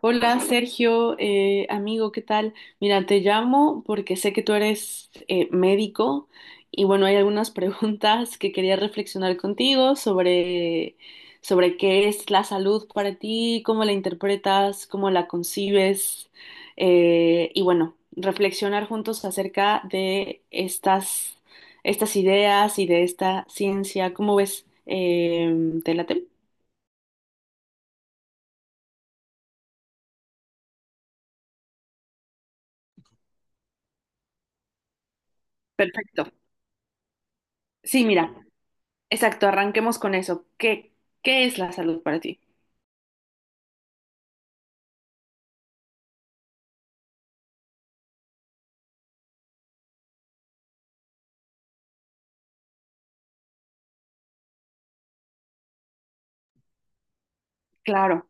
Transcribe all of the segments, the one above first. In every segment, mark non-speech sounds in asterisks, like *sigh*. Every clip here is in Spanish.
Hola Sergio, amigo, ¿qué tal? Mira, te llamo porque sé que tú eres médico y bueno, hay algunas *laughs* preguntas que quería reflexionar contigo sobre qué es la salud para ti, cómo la interpretas, cómo la concibes y bueno, reflexionar juntos acerca de estas ideas y de esta ciencia. ¿Cómo ves? ¿Te late? Perfecto. Sí, mira. Exacto, arranquemos con eso. ¿Qué es la salud para ti? Claro,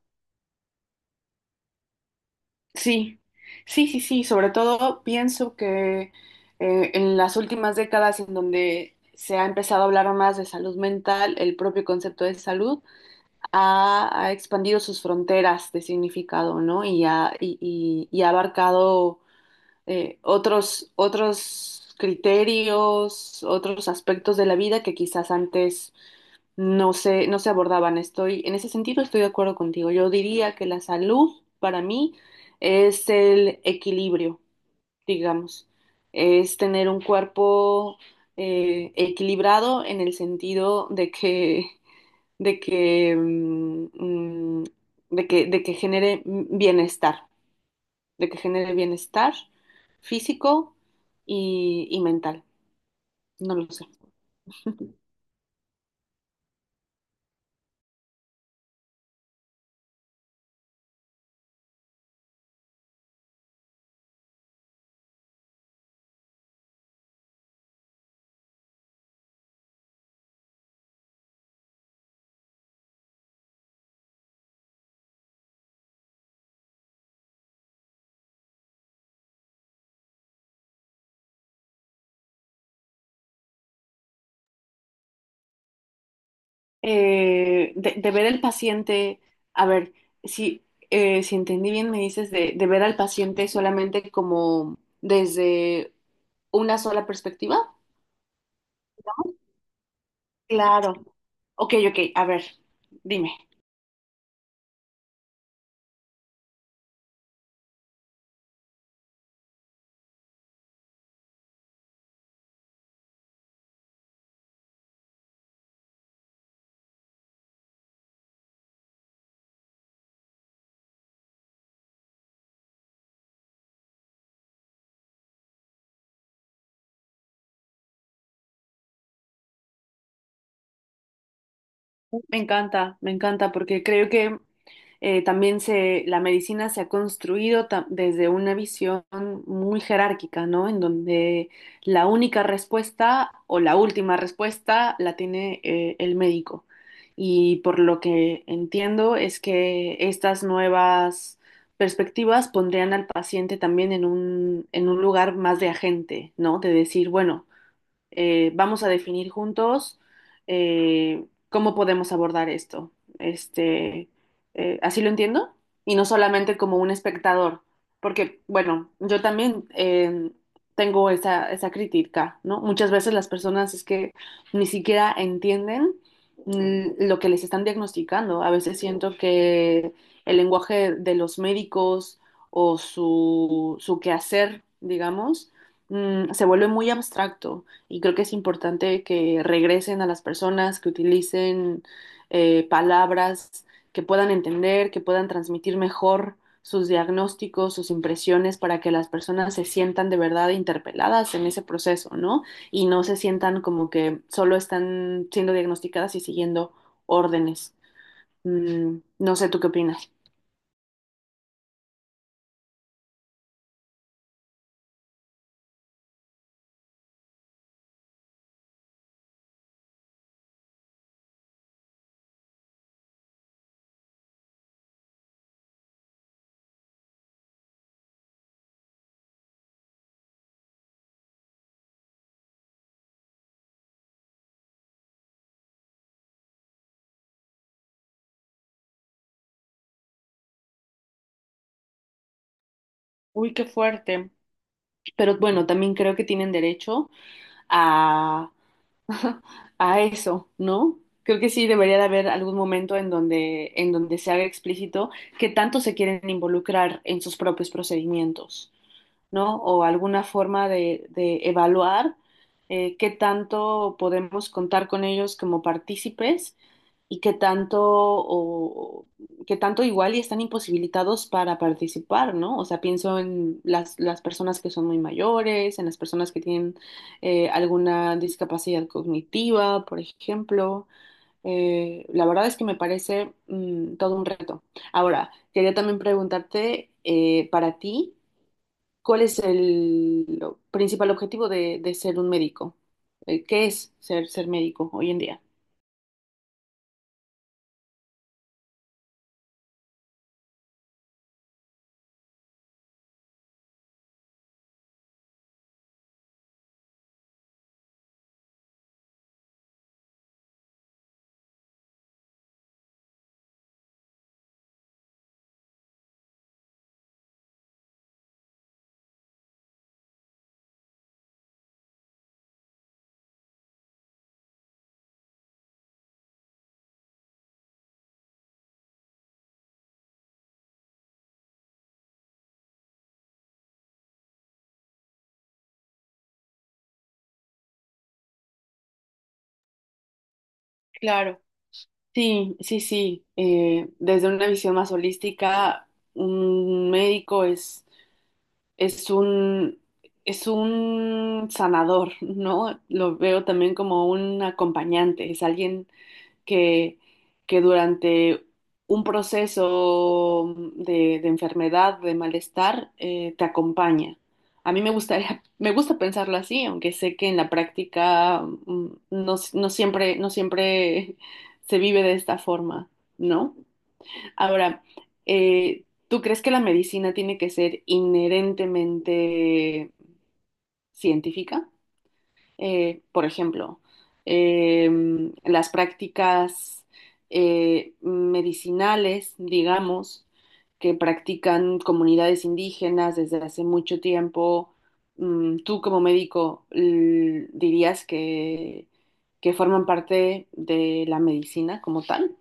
sí, sí, sí, sí. Sobre todo pienso que en las últimas décadas en donde se ha empezado a hablar más de salud mental, el propio concepto de salud ha expandido sus fronteras de significado, ¿no? Y ha abarcado eh, otros criterios, otros aspectos de la vida que quizás antes no se abordaban. En ese sentido estoy de acuerdo contigo. Yo diría que la salud para mí es el equilibrio, digamos. Es tener un cuerpo equilibrado en el sentido de que, mm, mm, de que genere bienestar, de que genere bienestar físico y mental. No lo sé. De ver al paciente, a ver, si, si entendí bien, me dices de ver al paciente solamente como desde una sola perspectiva. Claro. Ok, a ver, dime. Me encanta, porque creo que también se, la medicina se ha construido ta- desde una visión muy jerárquica, ¿no? En donde la única respuesta o la última respuesta la tiene el médico. Y por lo que entiendo es que estas nuevas perspectivas pondrían al paciente también en un lugar más de agente, ¿no? De decir, bueno, vamos a definir juntos cómo podemos abordar esto. Este, Así lo entiendo, y no solamente como un espectador, porque, bueno, yo también tengo esa crítica, ¿no? Muchas veces las personas es que ni siquiera entienden lo que les están diagnosticando. A veces siento que el lenguaje de los médicos o su quehacer, digamos, se vuelve muy abstracto y creo que es importante que regresen a las personas, que utilicen palabras que puedan entender, que puedan transmitir mejor sus diagnósticos, sus impresiones, para que las personas se sientan de verdad interpeladas en ese proceso, ¿no? Y no se sientan como que solo están siendo diagnosticadas y siguiendo órdenes. No sé, ¿tú qué opinas? Uy, qué fuerte. Pero bueno, también creo que tienen derecho a a eso, ¿no? Creo que sí debería de haber algún momento en donde se haga explícito que tanto se quieren involucrar en sus propios procedimientos. ¿No? O alguna forma de evaluar qué tanto podemos contar con ellos como partícipes y qué tanto o qué tanto igual y están imposibilitados para participar, ¿no? O sea, pienso en las personas que son muy mayores, en las personas que tienen alguna discapacidad cognitiva, por ejemplo. La verdad es que me parece todo un reto. Ahora, quería también preguntarte para ti. ¿Cuál es el lo- principal objetivo de ser un médico? ¿Qué es ser, ser médico hoy en día? Claro, sí, sí, sí. Desde una visión más holística, un médico es un, es un sanador, ¿no? Lo veo también como un acompañante, es alguien que, que durante un proceso de enfermedad, de malestar, te acompaña. A mí me gustaría, *laughs* me gusta pensarlo así, aunque sé que en la práctica no, no siempre, no siempre *laughs* se vive de esta forma, ¿no? Ahora, ¿tú crees que la medicina tiene que ser inherentemente científica? Por ejemplo, las prácticas medicinales, digamos, que practican comunidades indígenas desde hace mucho tiempo. Tú como médico l- dirías que forman parte de la medicina como tal.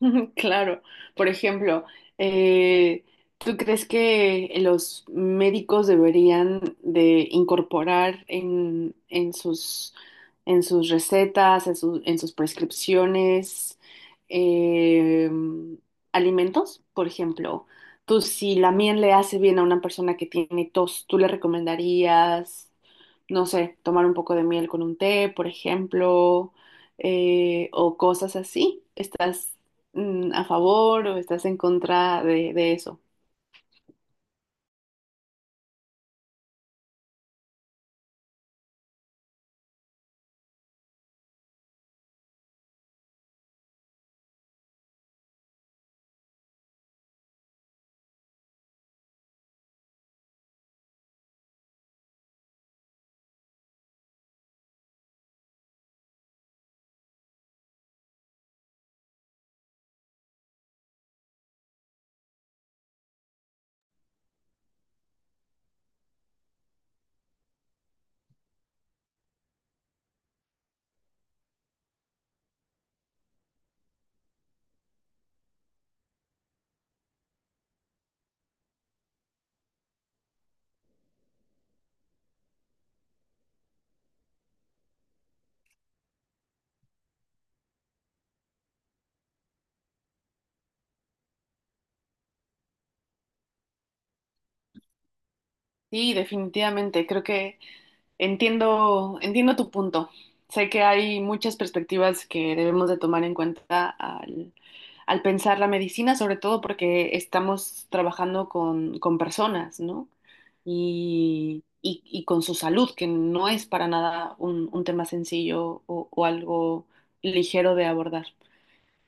*laughs* Claro, por ejemplo, eh, ¿tú crees que los médicos deberían de incorporar en sus recetas, en sus prescripciones, eh, alimentos? Por ejemplo, tú si la miel le hace bien a una persona que tiene tos, ¿tú le recomendarías? No sé, tomar un poco de miel con un té, por ejemplo, o cosas así. ¿Estás a favor o estás en contra de eso? Sí, definitivamente, creo que entiendo, entiendo tu punto. Sé que hay muchas perspectivas que debemos de tomar en cuenta al, al pensar la medicina, sobre todo porque estamos trabajando con personas, ¿no? Y con su salud, que no es para nada un, un tema sencillo o algo ligero de abordar.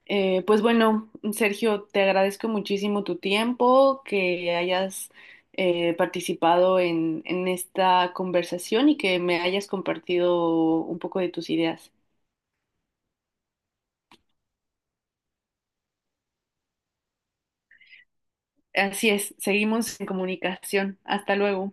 Pues bueno, Sergio, te agradezco muchísimo tu tiempo, que hayas participado en esta conversación y que me hayas compartido un poco de tus ideas. Así es, seguimos en comunicación. Hasta luego.